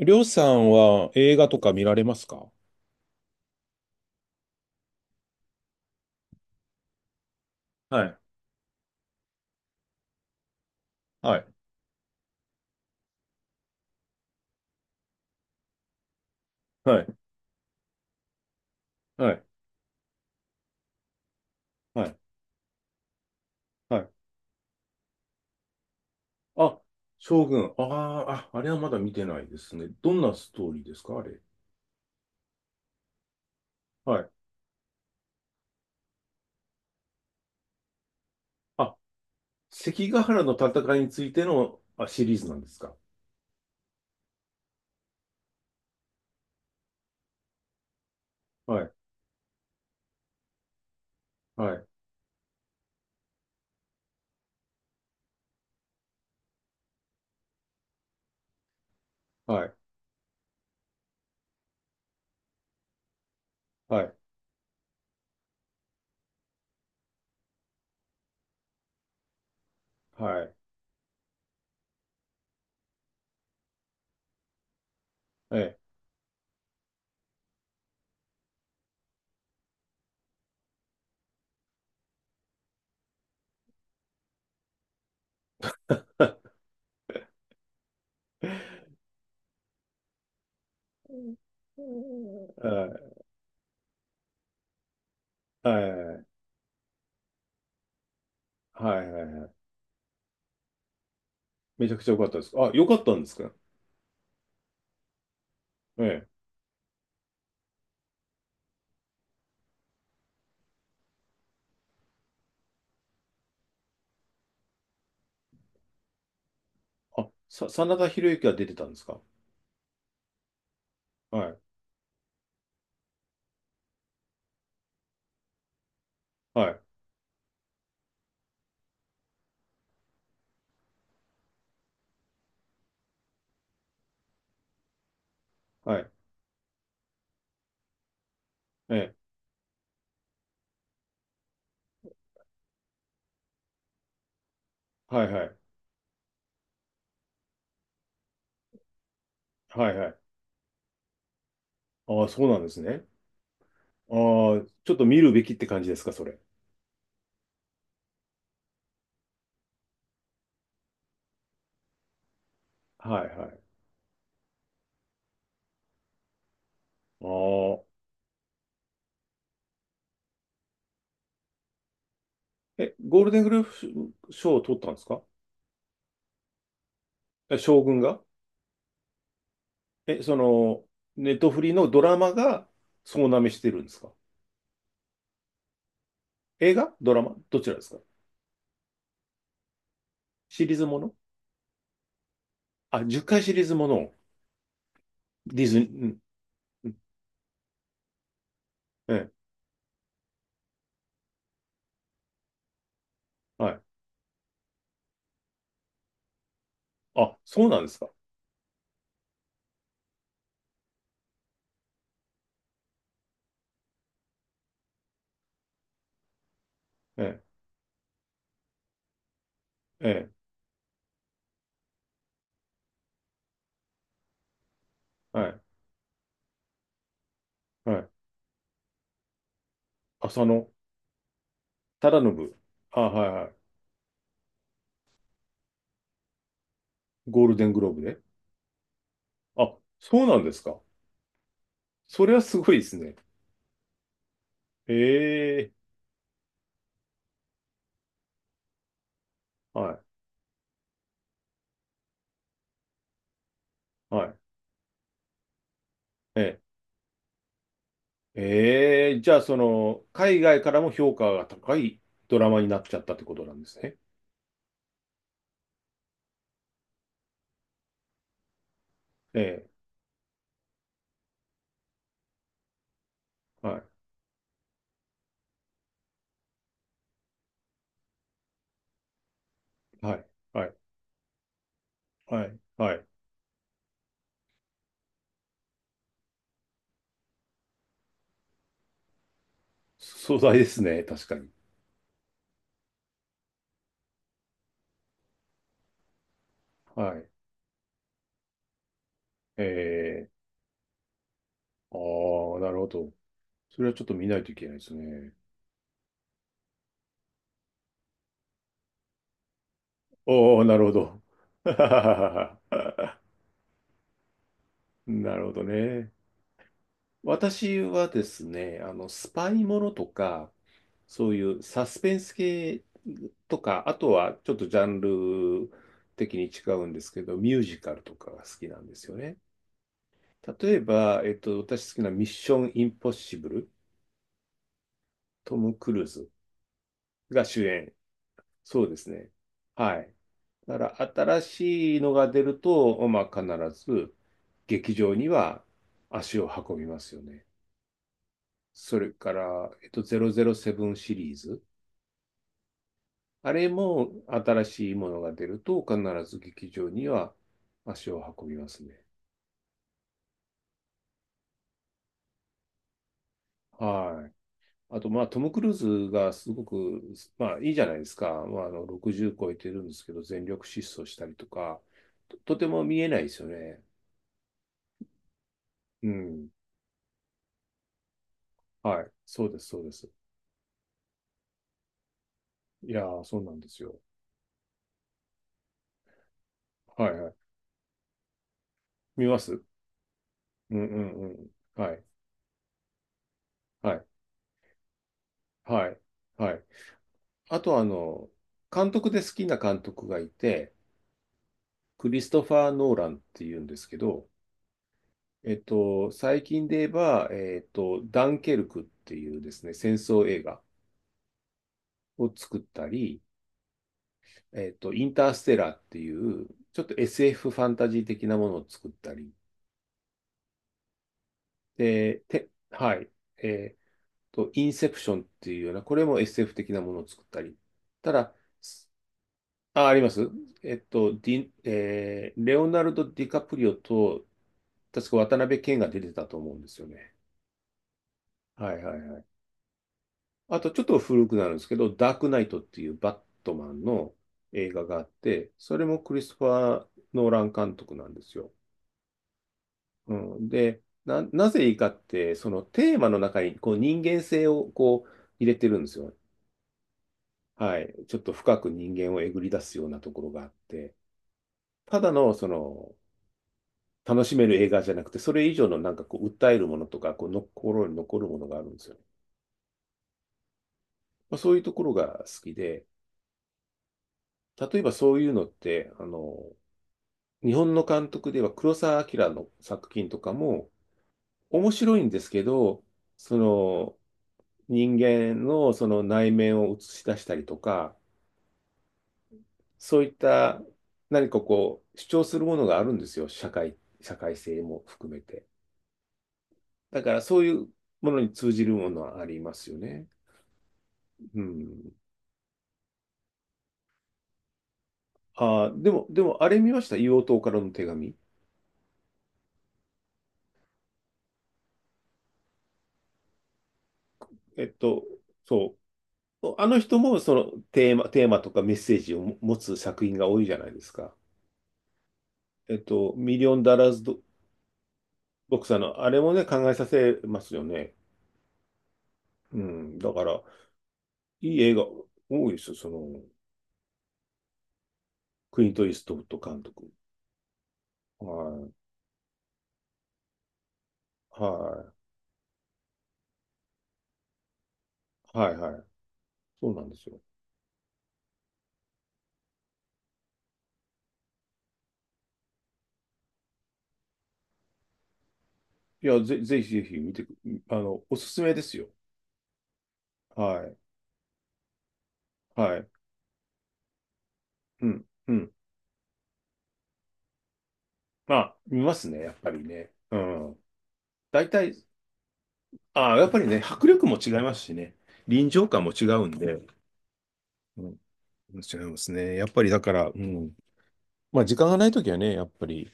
りょうさんは映画とか見られますか？はい、はい、はい、はい、はい、はい。あ、将軍。ああ、あれはまだ見てないですね。どんなストーリーですか、あれ。はい。あ、関ヶ原の戦いについてのシリーズなんですか？はい、はい、はい、はい、はい、ええ。はい、はい、はい、はいはい。めちゃくちゃ良かったです。あ、良かったんですか？ええ。あ、真田広之が出てたんですか？はい、はい、はい、ええ。はいはい。はいはい。ああ、そうなんですね。ああ、ちょっと見るべきって感じですか、それ？はいはい。ああ。え、ゴールデングループ賞を取ったんですか？え、将軍が？え、その、ネットフリのドラマが総なめしてるんですか？映画ドラマどちらですか？シリーズもの？あ、10回シリーズものを？ディズニー、うん、うん、ええ、はい。あ、そうなんですか？ええ、ええ、はい、はい。浅野忠信。あ、はいはい。ゴールデングローブで。あ、そうなんですか？それはすごいですね。ええ、はい、はい。ええ、ええ、じゃあ、その、海外からも評価が高いドラマになっちゃったってことなんですね。ええ、はい、はい、はい、はい、はい。壮大ですね、確かに。はい。ええ、ああ、なるほど。それはちょっと見ないといけないですね。おお、なるほど。なるほどね。私はですね、あの、スパイものとか、そういうサスペンス系とか、あとはちょっとジャンル的に違うんですけど、ミュージカルとかが好きなんですよね。例えば、私好きなミッションインポッシブル、トム・クルーズが主演。そうですね。はい。だから新しいのが出ると、まあ、必ず劇場には足を運びますよね。それから、007シリーズ。あれも新しいものが出ると必ず劇場には足を運びますね。はい。あと、まあ、トム・クルーズがすごく、まあ、いいじゃないですか。まあ、あの、60超えてるんですけど、全力疾走したりとか、とても見えないですよね。うん。はい。そうです、そうです。いやー、そうなんですよ。はい、はい。見ます。うんうんうん。はい、はい、はい、はい。あと、あの、監督で好きな監督がいて、クリストファー・ノーランっていうんですけど、最近で言えば、ダンケルクっていうですね、戦争映画を作ったり、インターステラーっていう、ちょっと SF ファンタジー的なものを作ったり、はい、えっインセプションっていうような、これも SF 的なものを作ったり。ただ、すあります。えっと、ディ、えーレオナルド・ディカプリオと、確か渡辺謙が出てたと思うんですよね。はいはいはい。あとちょっと古くなるんですけど、ダークナイトっていうバットマンの映画があって、それもクリストファー・ノーラン監督なんですよ。うん、で、なぜいいかって、そのテーマの中にこう人間性をこう入れてるんですよ。はい。ちょっと深く人間をえぐり出すようなところがあって、ただのその楽しめる映画じゃなくて、それ以上のなんかこう訴えるものとか、こうの心に残るものがあるんですよ。まあ、そういうところが好きで、例えばそういうのって、あの、日本の監督では黒澤明の作品とかも面白いんですけど、その人間のその内面を映し出したりとか、そういった何かこう主張するものがあるんですよ、社会性も含めて。だからそういうものに通じるものはありますよね。うん。でも、あれ見ました、硫黄島からの手紙。えっと、そう。あの人もそのテーマ、とかメッセージを持つ作品が多いじゃないですか。ミリオンダラーズドボクサーの、あれもね、考えさせますよね。うん。だから、いい映画多いですよ、その、クイント・イーストウッド監督。はい。はい。はい、はい。そうなんですよ。いや、ぜひぜひ見てく、あの、おすすめですよ。はい。はい。うん。うん。まあ、見ますね、やっぱりね。うん。大体、ああ、やっぱりね、迫力も違いますしね。臨場感も違うんで。うん。違いますね。やっぱりだから、うん。まあ、時間がないときはね、やっぱり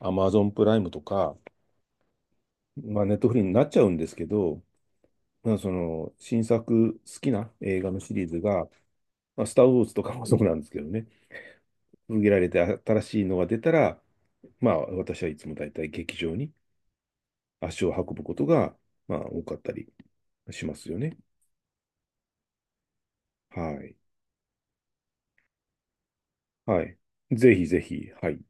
Amazon プライムとか、まあ、ネットフリーになっちゃうんですけど、まあ、その新作好きな映画のシリーズが、まあ、スター・ウォーズとかもそうなんですけどね、続けられて新しいのが出たら、まあ、私はいつも大体劇場に足を運ぶことが、まあ、多かったりしますよね。はい。はい。ぜひぜひ、はい。